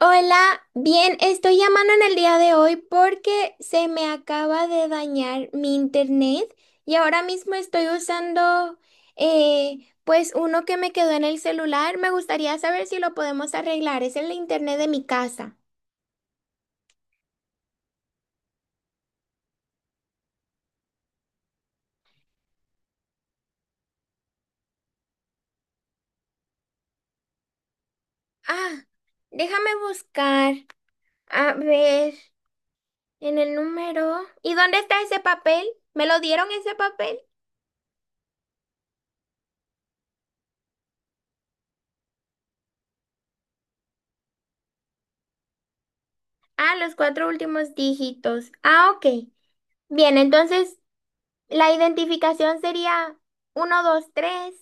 Hola, bien, estoy llamando en el día de hoy porque se me acaba de dañar mi internet y ahora mismo estoy usando pues uno que me quedó en el celular. Me gustaría saber si lo podemos arreglar. Es el internet de mi casa. Ah, déjame buscar. A ver, en el número. ¿Y dónde está ese papel? ¿Me lo dieron ese papel? Ah, los cuatro últimos dígitos. Ah, ok. Bien, entonces, la identificación sería uno dos tres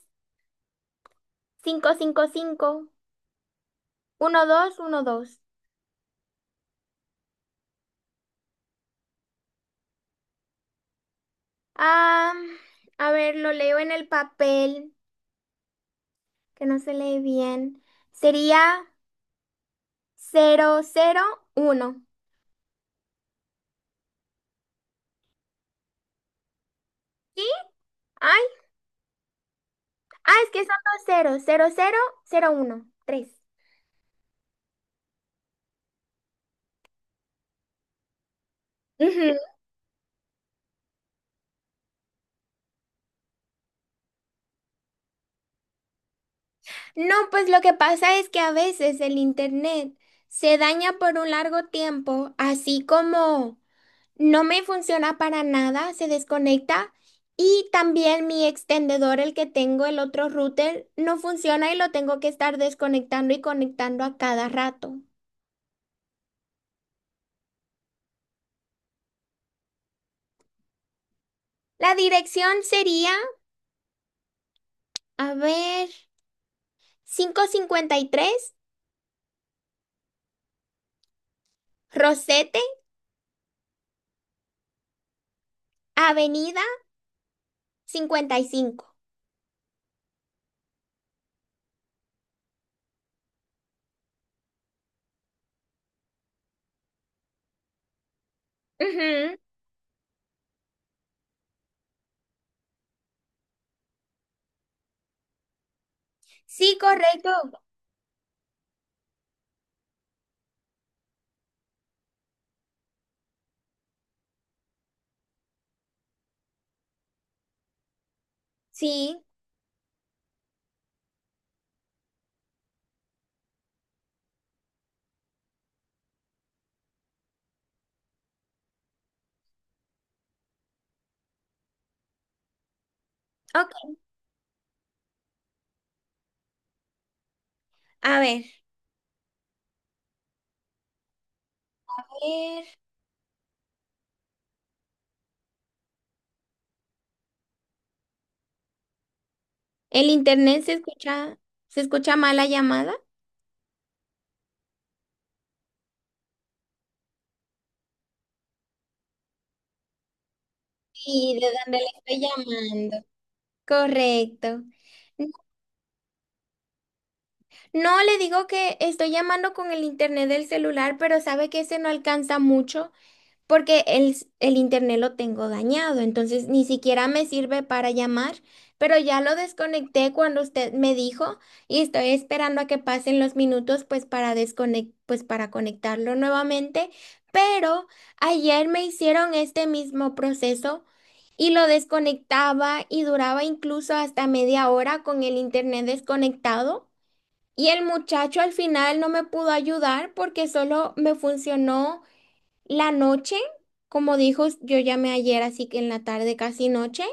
cinco cinco cinco uno dos uno dos. Ah, a ver, lo leo en el papel, que no se lee bien. Sería cero cero uno. ¿Sí? Ay, ah, es que son dos ceros, cero cero cero uno tres. Ujú. No, pues lo que pasa es que a veces el internet se daña por un largo tiempo, así como no me funciona para nada, se desconecta. Y también mi extendedor, el que tengo, el otro router, no funciona y lo tengo que estar desconectando y conectando a cada rato. La dirección sería, a ver, 553 Rosete, Avenida 55. Ujú. Sí, correcto. Sí, ok. A ver, a ver, ¿el internet se escucha mal la llamada? Sí, ¿de dónde le estoy llamando? Correcto. No, le digo que estoy llamando con el internet del celular, pero sabe que ese no alcanza mucho porque el internet lo tengo dañado, entonces ni siquiera me sirve para llamar, pero ya lo desconecté cuando usted me dijo y estoy esperando a que pasen los minutos pues para conectarlo nuevamente, pero ayer me hicieron este mismo proceso y lo desconectaba y duraba incluso hasta media hora con el internet desconectado. Y el muchacho al final no me pudo ayudar porque solo me funcionó la noche, como dijo, yo llamé ayer, así que en la tarde casi noche.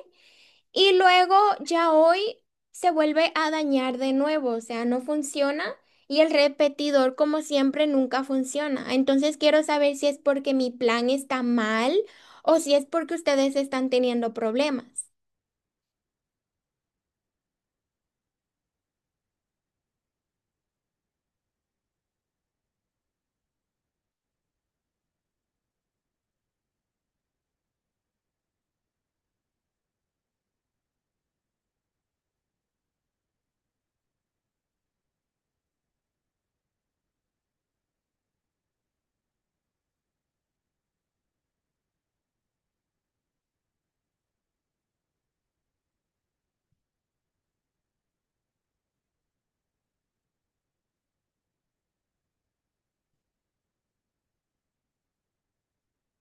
Y luego ya hoy se vuelve a dañar de nuevo, o sea, no funciona. Y el repetidor, como siempre, nunca funciona. Entonces quiero saber si es porque mi plan está mal o si es porque ustedes están teniendo problemas.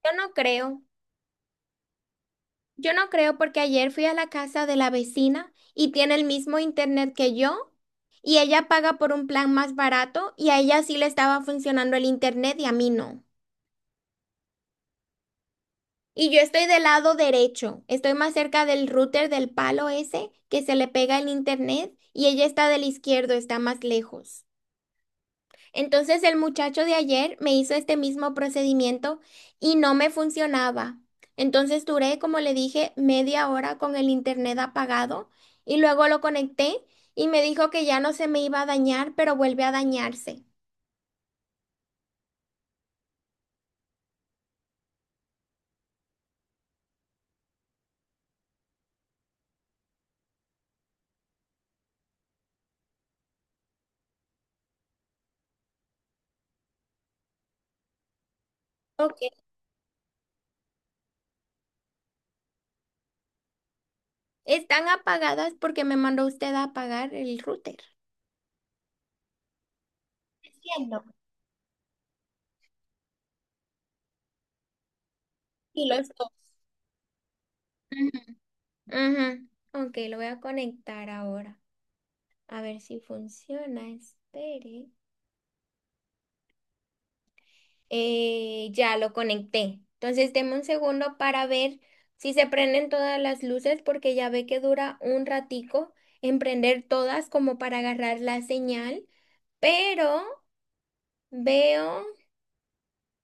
Yo no creo. Yo no creo porque ayer fui a la casa de la vecina y tiene el mismo internet que yo y ella paga por un plan más barato y a ella sí le estaba funcionando el internet y a mí no. Y yo estoy del lado derecho, estoy más cerca del router, del palo ese que se le pega el internet, y ella está del izquierdo, está más lejos. Entonces el muchacho de ayer me hizo este mismo procedimiento y no me funcionaba. Entonces duré, como le dije, media hora con el internet apagado y luego lo conecté y me dijo que ya no se me iba a dañar, pero vuelve a dañarse. Ok. Están apagadas porque me mandó usted a apagar el router. Entiendo. Y los dos. Ujú. Ujú. Ok, lo voy a conectar ahora. A ver si funciona. Espere. Ya lo conecté. Entonces, deme un segundo para ver si se prenden todas las luces, porque ya ve que dura un ratico en prender todas como para agarrar la señal. Pero veo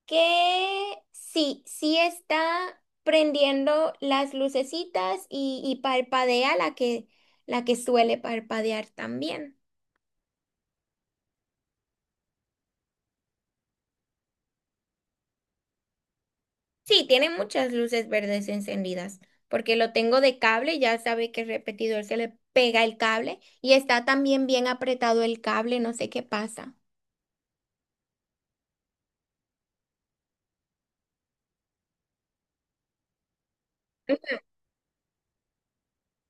que sí, sí está prendiendo las lucecitas y parpadea la que suele parpadear también. Sí, tiene muchas luces verdes encendidas, porque lo tengo de cable, ya sabe que el repetidor se le pega el cable y está también bien apretado el cable, no sé qué pasa.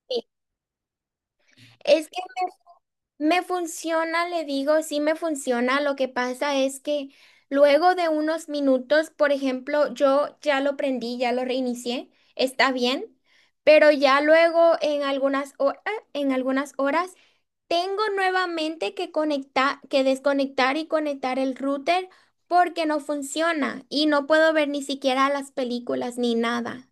Sí, es que me funciona, le digo, sí me funciona. Lo que pasa es que luego de unos minutos, por ejemplo, yo ya lo prendí, ya lo reinicié, está bien, pero ya luego en algunas horas, en algunas horas tengo nuevamente que conectar, que desconectar y conectar el router porque no funciona y no puedo ver ni siquiera las películas ni nada.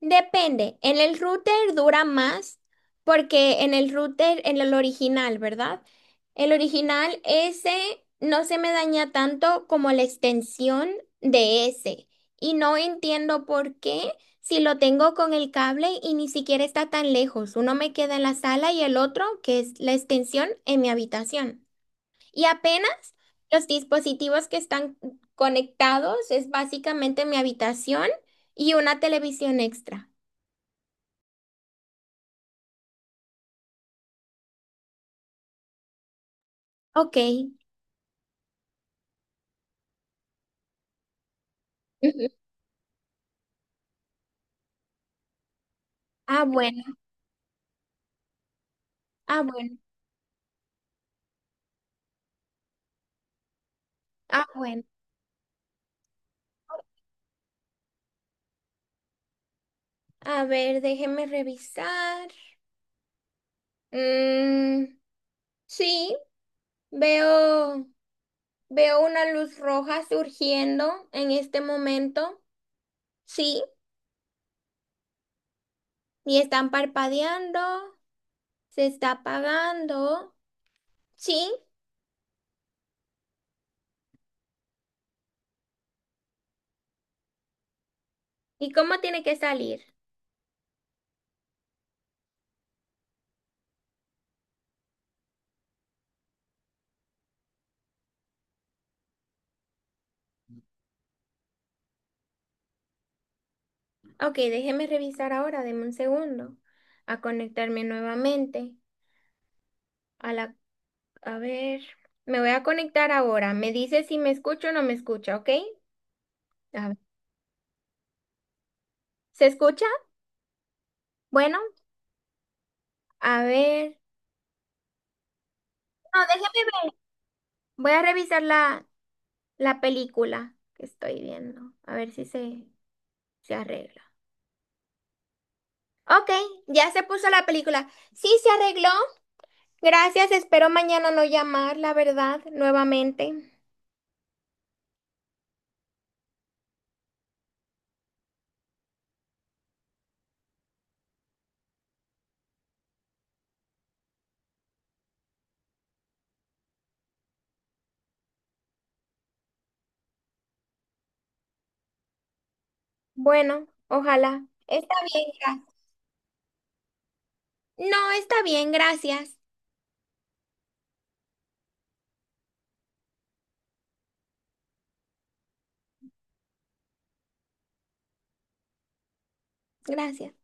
Depende, en el router dura más porque en el router, en el original, ¿verdad? El original ese no se me daña tanto como la extensión de ese. Y no entiendo por qué, si lo tengo con el cable y ni siquiera está tan lejos. Uno me queda en la sala y el otro, que es la extensión, en mi habitación. Y apenas los dispositivos que están conectados es básicamente mi habitación y una televisión extra. Ok. Ujú. Ah, bueno, ah, bueno, ah, bueno. A ver, déjeme revisar. Mm, sí, veo, veo una luz roja surgiendo en este momento. Sí, y están parpadeando, se está apagando. Sí, ¿y cómo tiene que salir? Ok, déjeme revisar ahora, deme un segundo, a conectarme nuevamente a la A Ver, me voy a conectar ahora. Me dice si me escucho o no me escucha, ¿ok? A ver. ¿Se escucha? Bueno, a ver. No, déjeme ver. Voy a revisar la película que estoy viendo. A ver si se arregla. Ok, ya se puso la película. Sí, se arregló. Gracias, espero mañana no llamar, la verdad, nuevamente. Bueno, ojalá. Está bien, gracias. No, está bien, gracias. Gracias.